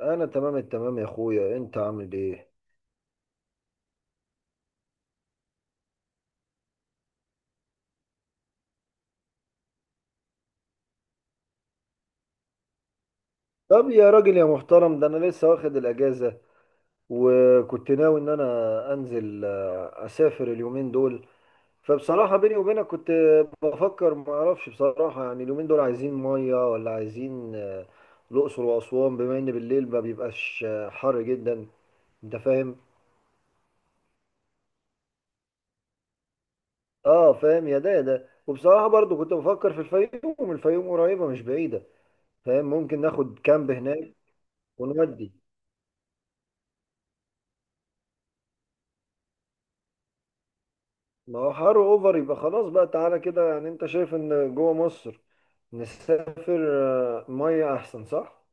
انا تمام التمام يا اخويا، انت عامل ايه؟ طب يا راجل يا محترم، ده انا لسه واخد الاجازه وكنت ناوي ان انا انزل، اسافر اليومين دول. فبصراحه بيني وبينك كنت بفكر، ما اعرفش بصراحه، يعني اليومين دول عايزين ميه ولا عايزين الاقصر واسوان، بما ان بالليل ما بيبقاش حر جدا. انت فاهم؟ اه فاهم يا ده يا ده، وبصراحه برضو كنت بفكر في الفيوم. الفيوم قريبه مش بعيده، فاهم؟ ممكن ناخد كامب هناك. ونودي. ما هو حر اوفر، يبقى خلاص بقى، تعالى كده. يعني انت شايف ان جوه مصر نسافر ميه احسن، صح؟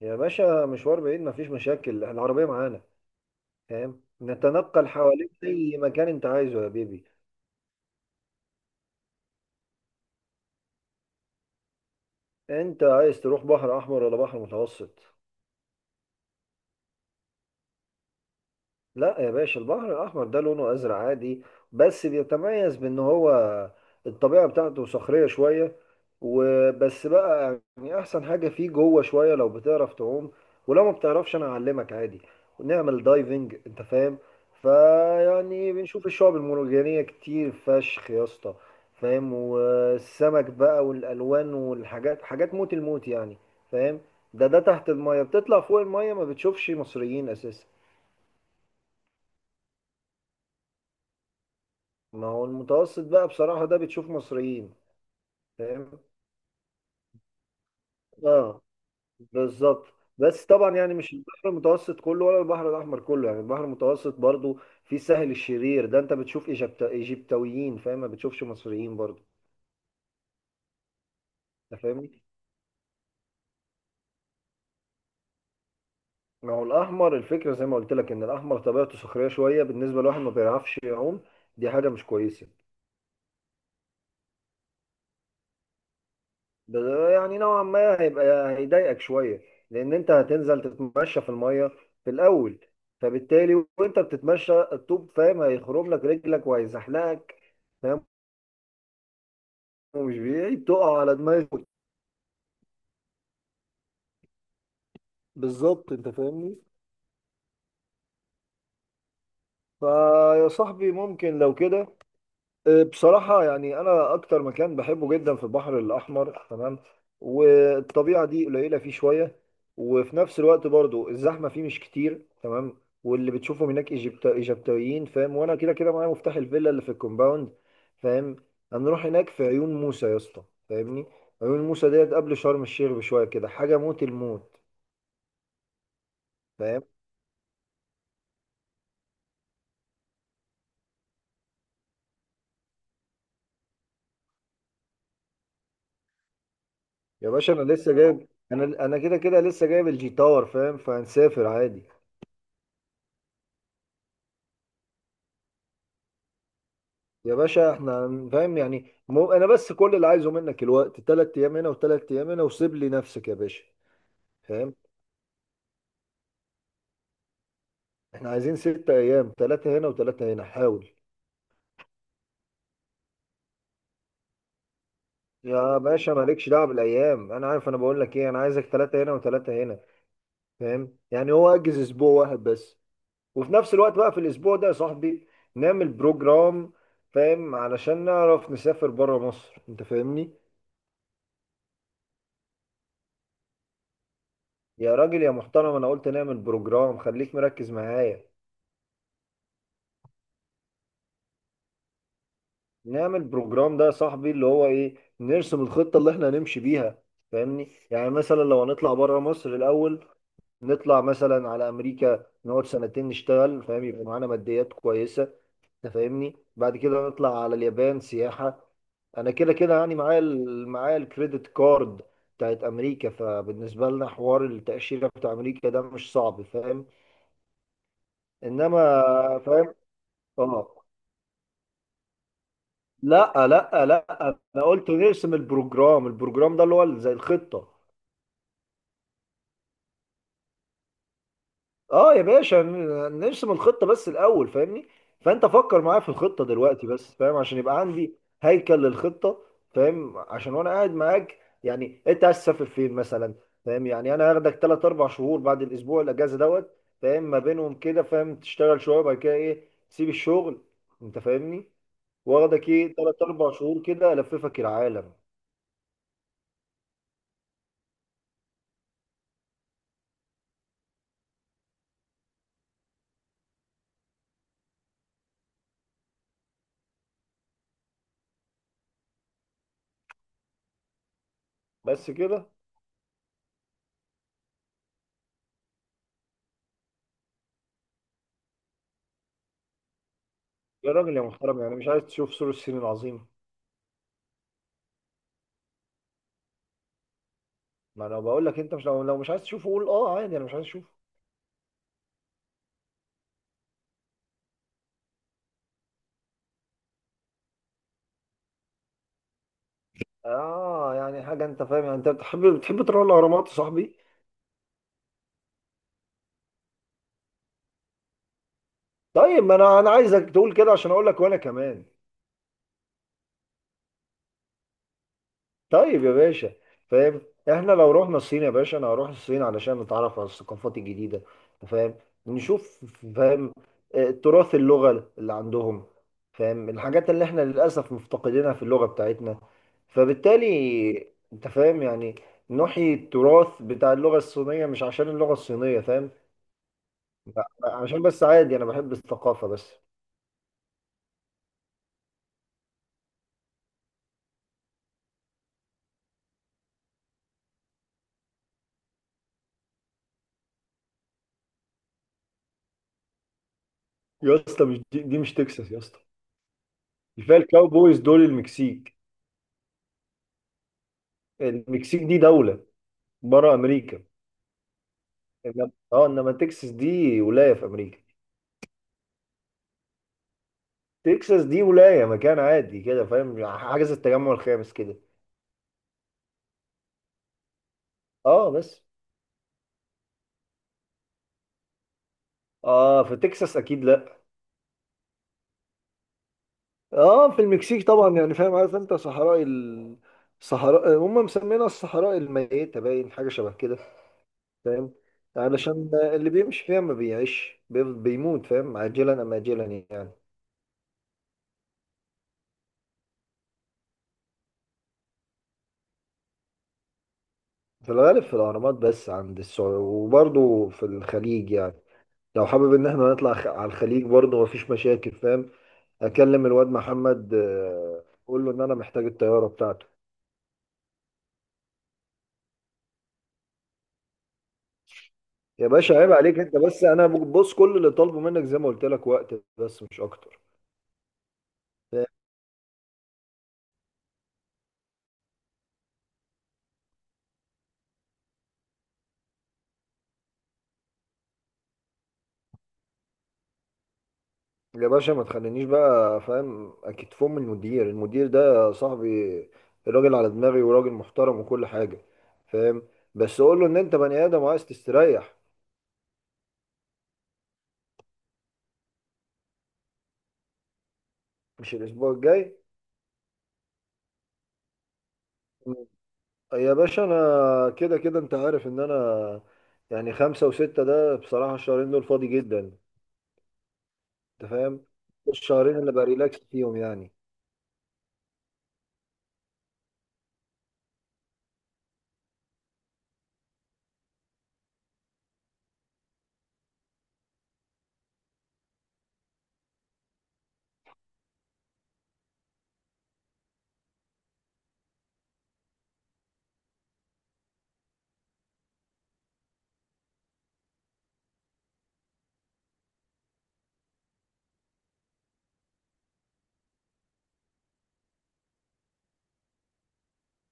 يا باشا مشوار بعيد، مفيش مشاكل، العربيه معانا، فاهم؟ نتنقل حواليك اي مكان انت عايزه يا بيبي. انت عايز تروح بحر احمر ولا بحر متوسط؟ لا يا باشا، البحر الأحمر ده لونه أزرق عادي، بس بيتميز بأن هو الطبيعة بتاعته صخرية شوية. وبس بقى، يعني أحسن حاجة فيه جوه شوية لو بتعرف تعوم. ولو ما بتعرفش أنا أعلمك عادي، ونعمل دايفنج، أنت فاهم؟ فيعني بنشوف الشعب المرجانية كتير فشخ يا اسطى. فاهم؟ والسمك بقى والألوان والحاجات، حاجات موت الموت يعني. فاهم؟ ده تحت المية، بتطلع فوق المية ما بتشوفش مصريين أساسا. ما هو المتوسط بقى، بصراحة ده بتشوف مصريين، فاهم؟ اه، بالظبط. بس طبعا يعني مش البحر المتوسط كله ولا البحر الأحمر كله، يعني البحر المتوسط برضو في سهل الشرير، ده انت بتشوف ايجيبتويين، فاهم، ما بتشوفش مصريين برضو. انت فاهمني. ما هو الأحمر، الفكرة زي ما قلت لك ان الأحمر طبيعته صخرية شوية، بالنسبة لواحد ما بيعرفش يعوم دي حاجة مش كويسة. يعني نوعا ما هيبقى هيضايقك شوية، لأن أنت هتنزل تتمشى في المية في الأول. فبالتالي وأنت بتتمشى الطوب، فاهم، هيخرم لك رجلك وهيزحلقك، فاهم؟ ومش بعيد تقع على دماغك. بالظبط، أنت فاهمني. فيا صاحبي، ممكن لو كده. بصراحة يعني أنا أكتر مكان بحبه جدا في البحر الأحمر، تمام. والطبيعة دي قليلة فيه شوية. وفي نفس الوقت برضو الزحمة فيه مش كتير، تمام. واللي بتشوفهم هناك إيجابتيين، فاهم، وأنا كده كده معايا مفتاح الفيلا اللي في الكومباوند، فاهم. هنروح هناك في عيون موسى يا اسطى، فاهمني؟ عيون موسى ديت قبل شرم الشيخ بشوية كده، حاجة موت الموت. فاهم يا باشا أنا لسه جايب، أنا كده كده لسه جايب الجي تاور، فاهم؟ فهنسافر عادي. يا باشا احنا فاهم، يعني مو انا بس، كل اللي عايزه منك الوقت. تلات ايام هنا وتلات ايام هنا وسيب لي نفسك يا باشا. فاهم؟ احنا عايزين ست ايام، تلاتة هنا وتلاتة هنا، حاول. يا باشا مالكش دعوه بالايام، انا عارف، انا بقول لك ايه، انا عايزك تلاتة هنا وتلاتة هنا. فاهم؟ يعني هو اجز اسبوع واحد بس، وفي نفس الوقت بقى في الاسبوع ده يا صاحبي نعمل بروجرام، فاهم، علشان نعرف نسافر بره مصر، انت فاهمني. يا راجل يا محترم، انا قلت نعمل بروجرام، خليك مركز معايا. نعمل بروجرام ده يا صاحبي اللي هو ايه؟ نرسم الخطة اللي احنا هنمشي بيها، فاهمني؟ يعني مثلا لو هنطلع بره مصر الاول، نطلع مثلا على امريكا نقعد سنتين نشتغل، فاهم، يبقى معانا ماديات كويسة، انت فاهمني. بعد كده نطلع على اليابان سياحة. انا كده كده يعني معايا معايا الكريدت كارد بتاعت امريكا، فبالنسبة لنا حوار التأشيرة بتاع امريكا ده مش صعب، فاهم؟ انما فاهم. اه، لا، لا، لا، انا قلت نرسم البروجرام. البروجرام ده اللي هو زي الخطة. اه يا باشا، نرسم الخطة بس الاول، فاهمني. فانت فكر معايا في الخطة دلوقتي بس، فاهم، عشان يبقى عندي هيكل للخطة، فاهم، عشان وانا قاعد معاك، يعني انت عايز تسافر فين مثلا؟ فاهم يعني انا هاخدك 3 4 شهور بعد الاسبوع الاجازة دوت، فاهم، ما بينهم كده، فاهم، تشتغل شوية بعد كده ايه، تسيب الشغل، انت فاهمني. واخدك ايه 3 4 شهور كده الففك العالم. بس كده؟ يا راجل يا محترم، يعني مش عايز تشوف سور الصين العظيم؟ ما انا بقول لك، انت مش لو مش عايز تشوفه قول اه عادي انا مش عايز اشوفه. اه يعني حاجه، انت فاهم يعني انت بتحب تروح الاهرامات يا صاحبي؟ طيب، ما انا عايزك تقول كده عشان اقول لك وانا كمان. طيب يا باشا، فاهم، احنا لو رحنا الصين يا باشا انا هروح الصين علشان نتعرف على الثقافات الجديده، فاهم، نشوف، فاهم تراث اللغه اللي عندهم، فاهم، الحاجات اللي احنا للاسف مفتقدينها في اللغه بتاعتنا. فبالتالي انت فاهم يعني، نحيي التراث بتاع اللغه الصينيه، مش عشان اللغه الصينيه، فاهم. لا، عشان بس عادي انا بحب الثقافه بس. يا اسطى مش دي مش تكساس يا اسطى. كفايه الكاوبويز دول المكسيك. المكسيك دي دوله بره امريكا. انما تكساس دي ولايه في امريكا. تكساس دي ولايه، مكان عادي كده، فاهم، حاجه زي التجمع الخامس كده. اه بس. اه في تكساس، اكيد لا. اه في المكسيك طبعا، يعني فاهم، عارف انت صحراء ال... صحراء هم مسمينها الصحراء الميته، باين حاجه شبه كده، فاهم، علشان اللي بيمشي فيها ما بيعيش بيموت، فاهم، عاجلا ام اجلا يعني. في الغالب في الاهرامات بس، عند السعوديه وبرضه في الخليج يعني. لو حابب ان احنا نطلع على الخليج برضه مفيش مشاكل، فاهم، اكلم الواد محمد، اقول له ان انا محتاج الطياره بتاعته. يا باشا عيب عليك، انت بس، انا بص كل اللي طالبه منك زي ما قلت لك وقت بس مش اكتر. يا باشا ما تخلينيش بقى، فاهم، اكيد فم المدير، المدير ده صاحبي، الراجل على دماغي وراجل محترم وكل حاجه، فاهم، بس قول له ان انت بني ادم وعايز تستريح. مش الاسبوع الجاي. يا باشا انا كده كده، انت عارف ان انا، يعني خمسة وستة ده بصراحة الشهرين دول فاضي جدا، انت فاهم؟ الشهرين اللي بريلاكس فيهم يعني.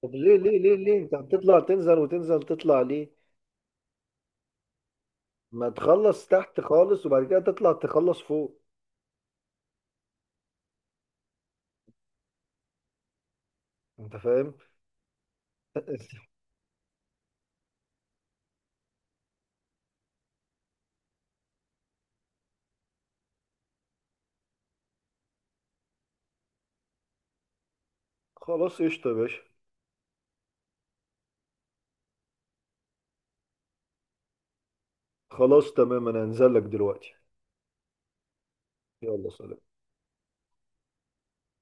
طب ليه انت بتطلع تنزل وتنزل تطلع ليه؟ ما تخلص تحت خالص وبعد كده تطلع تخلص فوق. انت فاهم؟ خلاص قشطة يا باشا. خلاص تمام، انا هنزل لك دلوقتي. يلا سلام.